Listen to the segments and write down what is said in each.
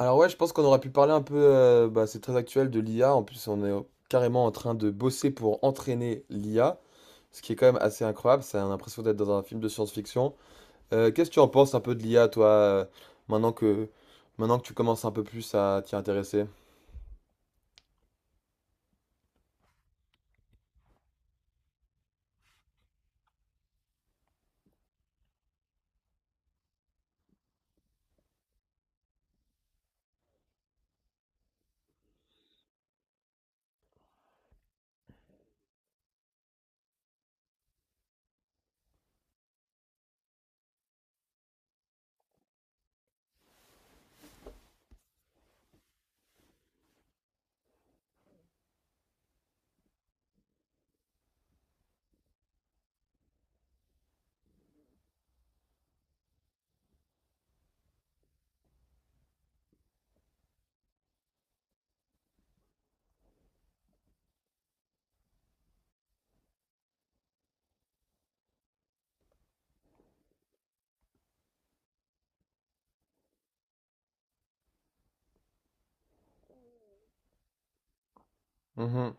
Alors ouais, je pense qu'on aurait pu parler un peu, bah, c'est très actuel de l'IA. En plus, on est carrément en train de bosser pour entraîner l'IA, ce qui est quand même assez incroyable. Ça a l'impression d'être dans un film de science-fiction. Qu'est-ce que tu en penses un peu de l'IA, toi, maintenant que, tu commences un peu plus à t'y intéresser? Mhm.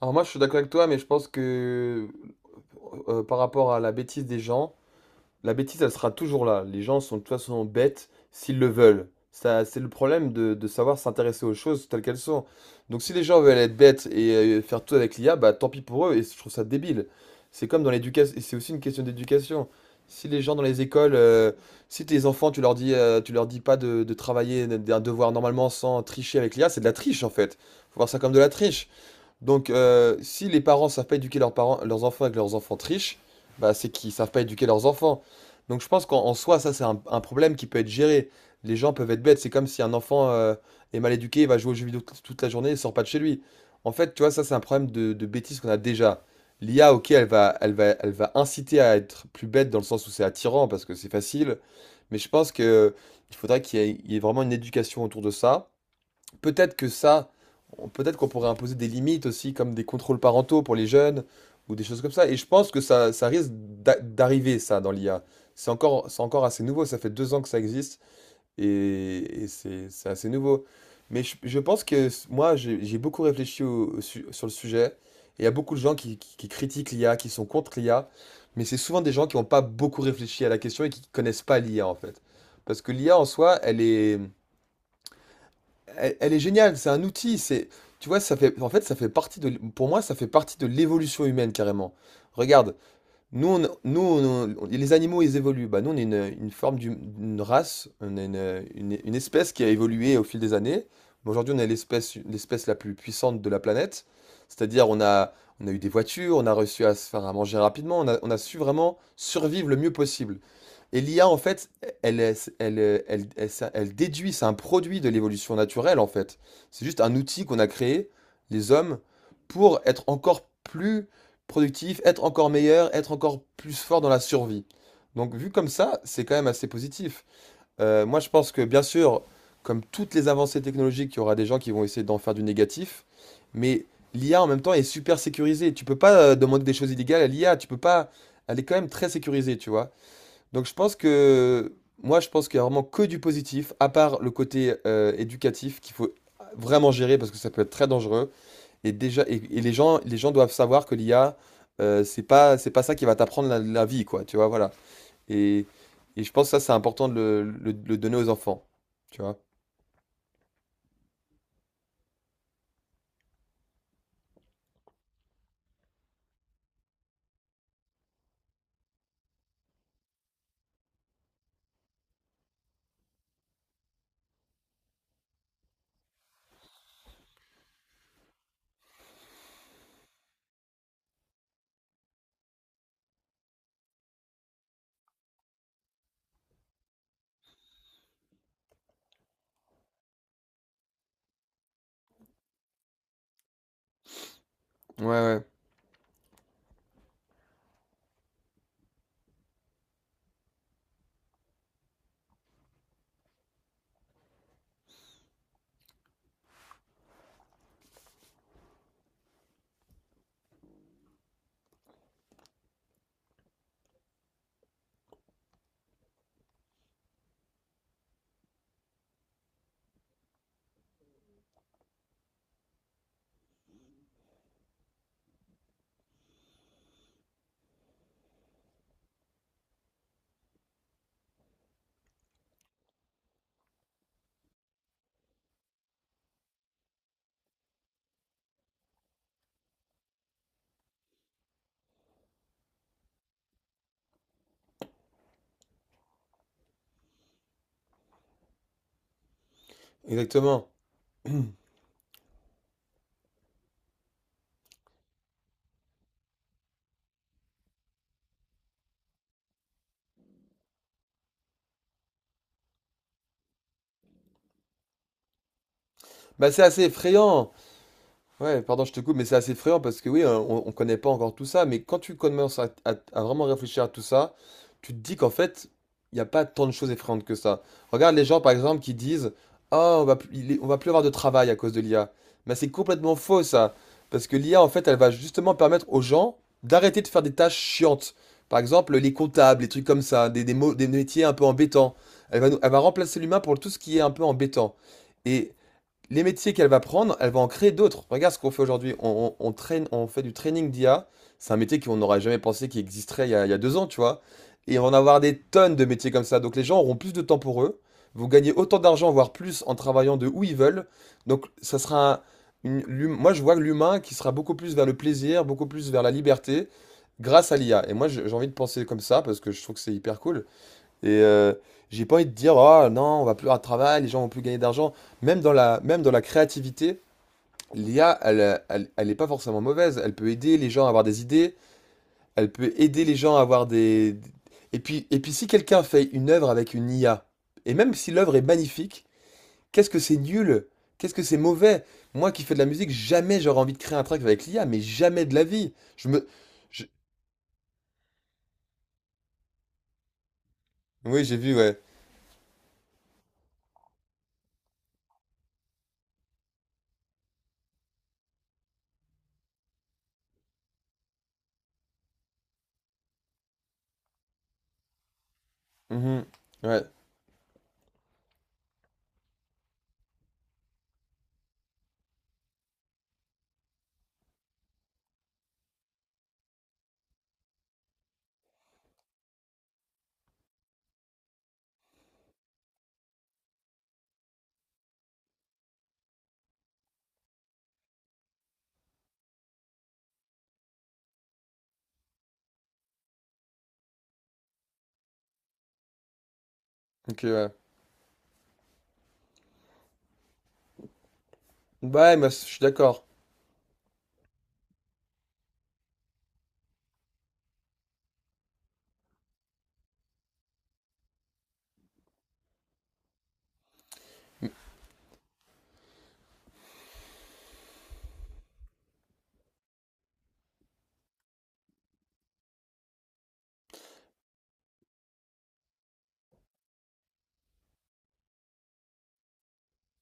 Alors moi, je suis d'accord avec toi, mais je pense que par rapport à la bêtise des gens. La bêtise, elle sera toujours là. Les gens sont de toute façon bêtes s'ils le veulent. Ça, c'est le problème de savoir s'intéresser aux choses telles qu'elles sont. Donc si les gens veulent être bêtes et faire tout avec l'IA, bah tant pis pour eux, et je trouve ça débile. C'est comme dans l'éducation, et c'est aussi une question d'éducation. Si les gens dans les écoles, si tes enfants, tu leur dis pas de travailler d'un devoir normalement sans tricher avec l'IA, c'est de la triche en fait. Faut voir ça comme de la triche. Donc, si les parents savent pas éduquer leurs parents, leurs enfants et que leurs enfants trichent, bah, c'est qu'ils savent pas éduquer leurs enfants. Donc, je pense qu'en soi, ça, c'est un problème qui peut être géré. Les gens peuvent être bêtes. C'est comme si un enfant est mal éduqué, il va jouer aux jeux vidéo toute la journée et sort pas de chez lui. En fait, tu vois, ça, c'est un problème de bêtise qu'on a déjà. L'IA, ok, elle va inciter à être plus bête dans le sens où c'est attirant parce que c'est facile. Mais je pense que il faudrait qu'il y ait vraiment une éducation autour de ça. Peut-être que ça, on- Peut-être qu'on pourrait imposer des limites aussi, comme des contrôles parentaux pour les jeunes, ou des choses comme ça. Et je pense que ça risque d'arriver, ça, dans l'IA. C'est encore assez nouveau, ça fait 2 ans que ça existe, et c'est assez nouveau. Mais je pense moi, j'ai beaucoup réfléchi sur le sujet, et il y a beaucoup de gens qui critiquent l'IA, qui sont contre l'IA, mais c'est souvent des gens qui n'ont pas beaucoup réfléchi à la question et qui connaissent pas l'IA, en fait. Parce que l'IA, en soi, elle est... Elle est géniale, c'est un outil, c'est, tu vois, ça fait, en fait, ça fait partie de, pour moi, ça fait partie de l'évolution humaine carrément. Regarde, les animaux, ils évoluent. Bah, nous, on est une forme d'une race, on est une espèce qui a évolué au fil des années. Mais aujourd'hui, on est l'espèce la plus puissante de la planète. C'est-à-dire, on a eu des voitures, on a réussi à se faire à manger rapidement, on a su vraiment survivre le mieux possible. Et l'IA, en fait, elle, est- elle, elle, elle, ça- elle déduit, c'est un produit de l'évolution naturelle, en fait. C'est juste un outil qu'on a créé, les hommes, pour être encore plus productifs, être encore meilleurs, être encore plus forts dans la survie. Donc, vu comme ça, c'est quand même assez positif. Moi, je pense que, bien sûr, comme toutes les avancées technologiques, il y aura des gens qui vont essayer d'en faire du négatif, mais l'IA, en même temps, est super sécurisée. Tu peux pas demander des choses illégales à l'IA, tu peux pas... Elle est quand même très sécurisée, tu vois. Donc je pense qu'il y a vraiment que du positif, à part le côté éducatif qu'il faut vraiment gérer parce que ça peut être très dangereux. Et déjà, et les gens doivent savoir que l'IA, c'est pas ça qui va t'apprendre la vie, quoi. Tu vois, voilà. Et, et je pense que ça c'est important de de le donner aux enfants. Tu vois. Ouais, ouais. Exactement. Bah c'est assez effrayant. Ouais, pardon, je te coupe, mais c'est assez effrayant parce que oui, hein, on connaît pas encore tout ça, mais quand tu commences à vraiment réfléchir à tout ça, tu te dis qu'en fait, il n'y a pas tant de choses effrayantes que ça. Regarde les gens, par exemple, qui disent, ah, on va plus avoir de travail à cause de l'IA. Mais c'est complètement faux, ça. Parce que l'IA, en fait, elle va justement permettre aux gens d'arrêter de faire des tâches chiantes. Par exemple, les comptables, les trucs comme ça, des métiers un peu embêtants. Elle va remplacer l'humain pour tout ce qui est un peu embêtant. Et les métiers qu'elle va prendre, elle va en créer d'autres. Regarde ce qu'on fait aujourd'hui. On traîne, on fait du training d'IA. C'est un métier qu'on n'aurait jamais pensé qu'il existerait il y a 2 ans, tu vois. Et on va en avoir des tonnes de métiers comme ça. Donc les gens auront plus de temps pour eux. Vous gagnez autant d'argent, voire plus, en travaillant de où ils veulent. Donc ça sera moi je vois l'humain qui sera beaucoup plus vers le plaisir, beaucoup plus vers la liberté, grâce à l'IA. Et moi j'ai envie de penser comme ça parce que je trouve que c'est hyper cool. Et j'ai pas envie de dire, oh non, on va plus avoir de travail, les gens vont plus gagner d'argent. Même dans la créativité, l'IA, elle est pas forcément mauvaise. Elle peut aider les gens à avoir des idées, elle peut aider les gens à avoir des... Et puis, si quelqu'un fait une œuvre avec une IA, et même si l'œuvre est magnifique, qu'est-ce que c'est nul? Qu'est-ce que c'est mauvais? Moi qui fais de la musique, jamais j'aurais envie de créer un track avec l'IA, mais jamais de la vie. Je- Oui, j'ai vu, ouais. Mhm. Ouais, ok, ouais. Bah, ouais, moi, je suis d'accord.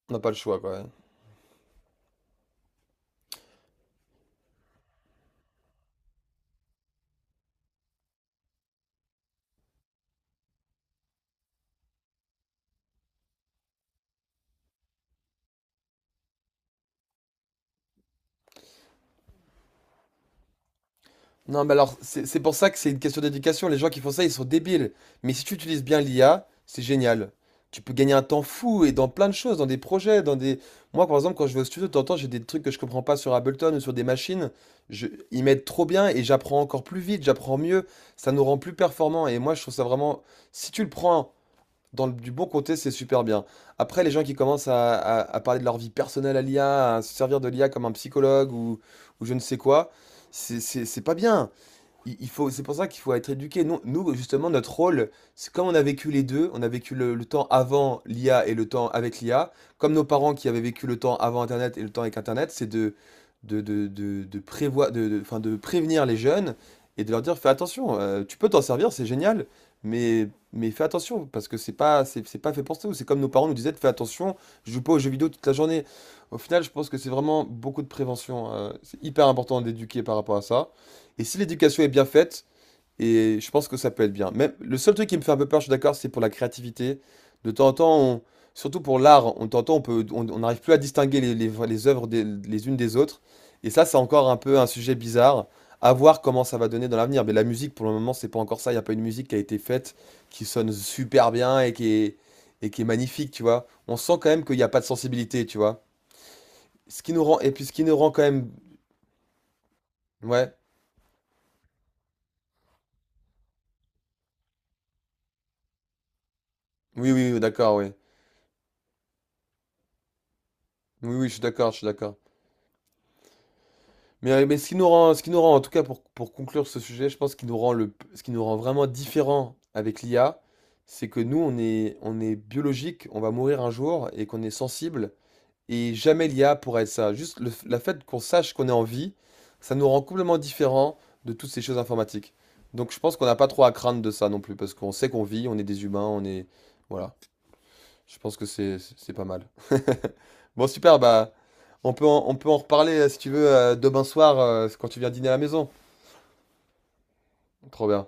On n'a pas le choix, quoi. Ouais. Non, mais alors, c'est pour ça que c'est une question d'éducation. Les gens qui font ça, ils sont débiles. Mais si tu utilises bien l'IA, c'est génial. Tu peux gagner un temps fou et dans plein de choses, dans des projets, dans des... Moi, par exemple, quand je vais au studio, de temps en temps, j'ai des trucs que je comprends pas sur Ableton ou sur des machines. Je... Ils m'aident trop bien et j'apprends encore plus vite, j'apprends mieux. Ça nous rend plus performants. Et moi, je trouve ça vraiment... Si tu le prends du bon côté, c'est super bien. Après, les gens qui commencent à parler de leur vie personnelle à l'IA, à se servir de l'IA comme un psychologue ou je ne sais quoi, c'est pas bien. Il faut, c'est pour ça qu'il faut être éduqué. Justement, notre rôle, c'est comme on a vécu les deux, on a vécu le temps avant l'IA et le temps avec l'IA, comme nos parents qui avaient vécu le temps avant Internet et le temps avec Internet, c'est de prévoi- de- enfin, de prévenir les jeunes et de leur dire, fais attention, tu peux t'en servir, c'est génial, mais, mais fais attention, parce que c'est pas fait pour ça. C'est comme nos parents nous disaient, fais attention, je joue pas aux jeux vidéo toute la journée. Au final, je pense que c'est vraiment beaucoup de prévention. C'est hyper important d'éduquer par rapport à ça. Et si l'éducation est bien faite, et je pense que ça peut être bien. Même, le seul truc qui me fait un peu peur, je suis d'accord, c'est pour la créativité. De temps en temps, surtout pour l'art, on de temps en temps, on peut, on n'arrive plus à distinguer les œuvres les unes des autres. Et ça, c'est encore un peu un sujet bizarre. À voir comment ça va donner dans l'avenir. Mais la musique, pour le moment, c'est pas encore ça. Il n'y a pas une musique qui a été faite, qui sonne super bien et qui est magnifique, tu vois. On sent quand même qu'il n'y a pas de sensibilité, tu vois. Ce qui nous rend, et puis ce qui nous rend quand même. Ouais. Oui, oui, oui, d'accord, oui. Oui, oui, je suis d'accord, je suis d'accord. Mais ce qui nous rend, ce qui nous rend, en tout cas pour conclure ce sujet, je pense qu'il nous rend le, ce qui nous rend vraiment différent avec l'IA, c'est que nous, on est biologique, on va mourir un jour et qu'on est sensible. Et jamais l'IA pourra être ça. Juste la fait qu'on sache qu'on est en vie, ça nous rend complètement différent de toutes ces choses informatiques. Donc je pense qu'on n'a pas trop à craindre de ça non plus, parce qu'on sait qu'on vit, on est des humains, on est... Voilà. Je pense que c'est pas mal. Bon, super, bah, on peut en reparler si tu veux demain soir quand tu viens dîner à la maison. Trop bien.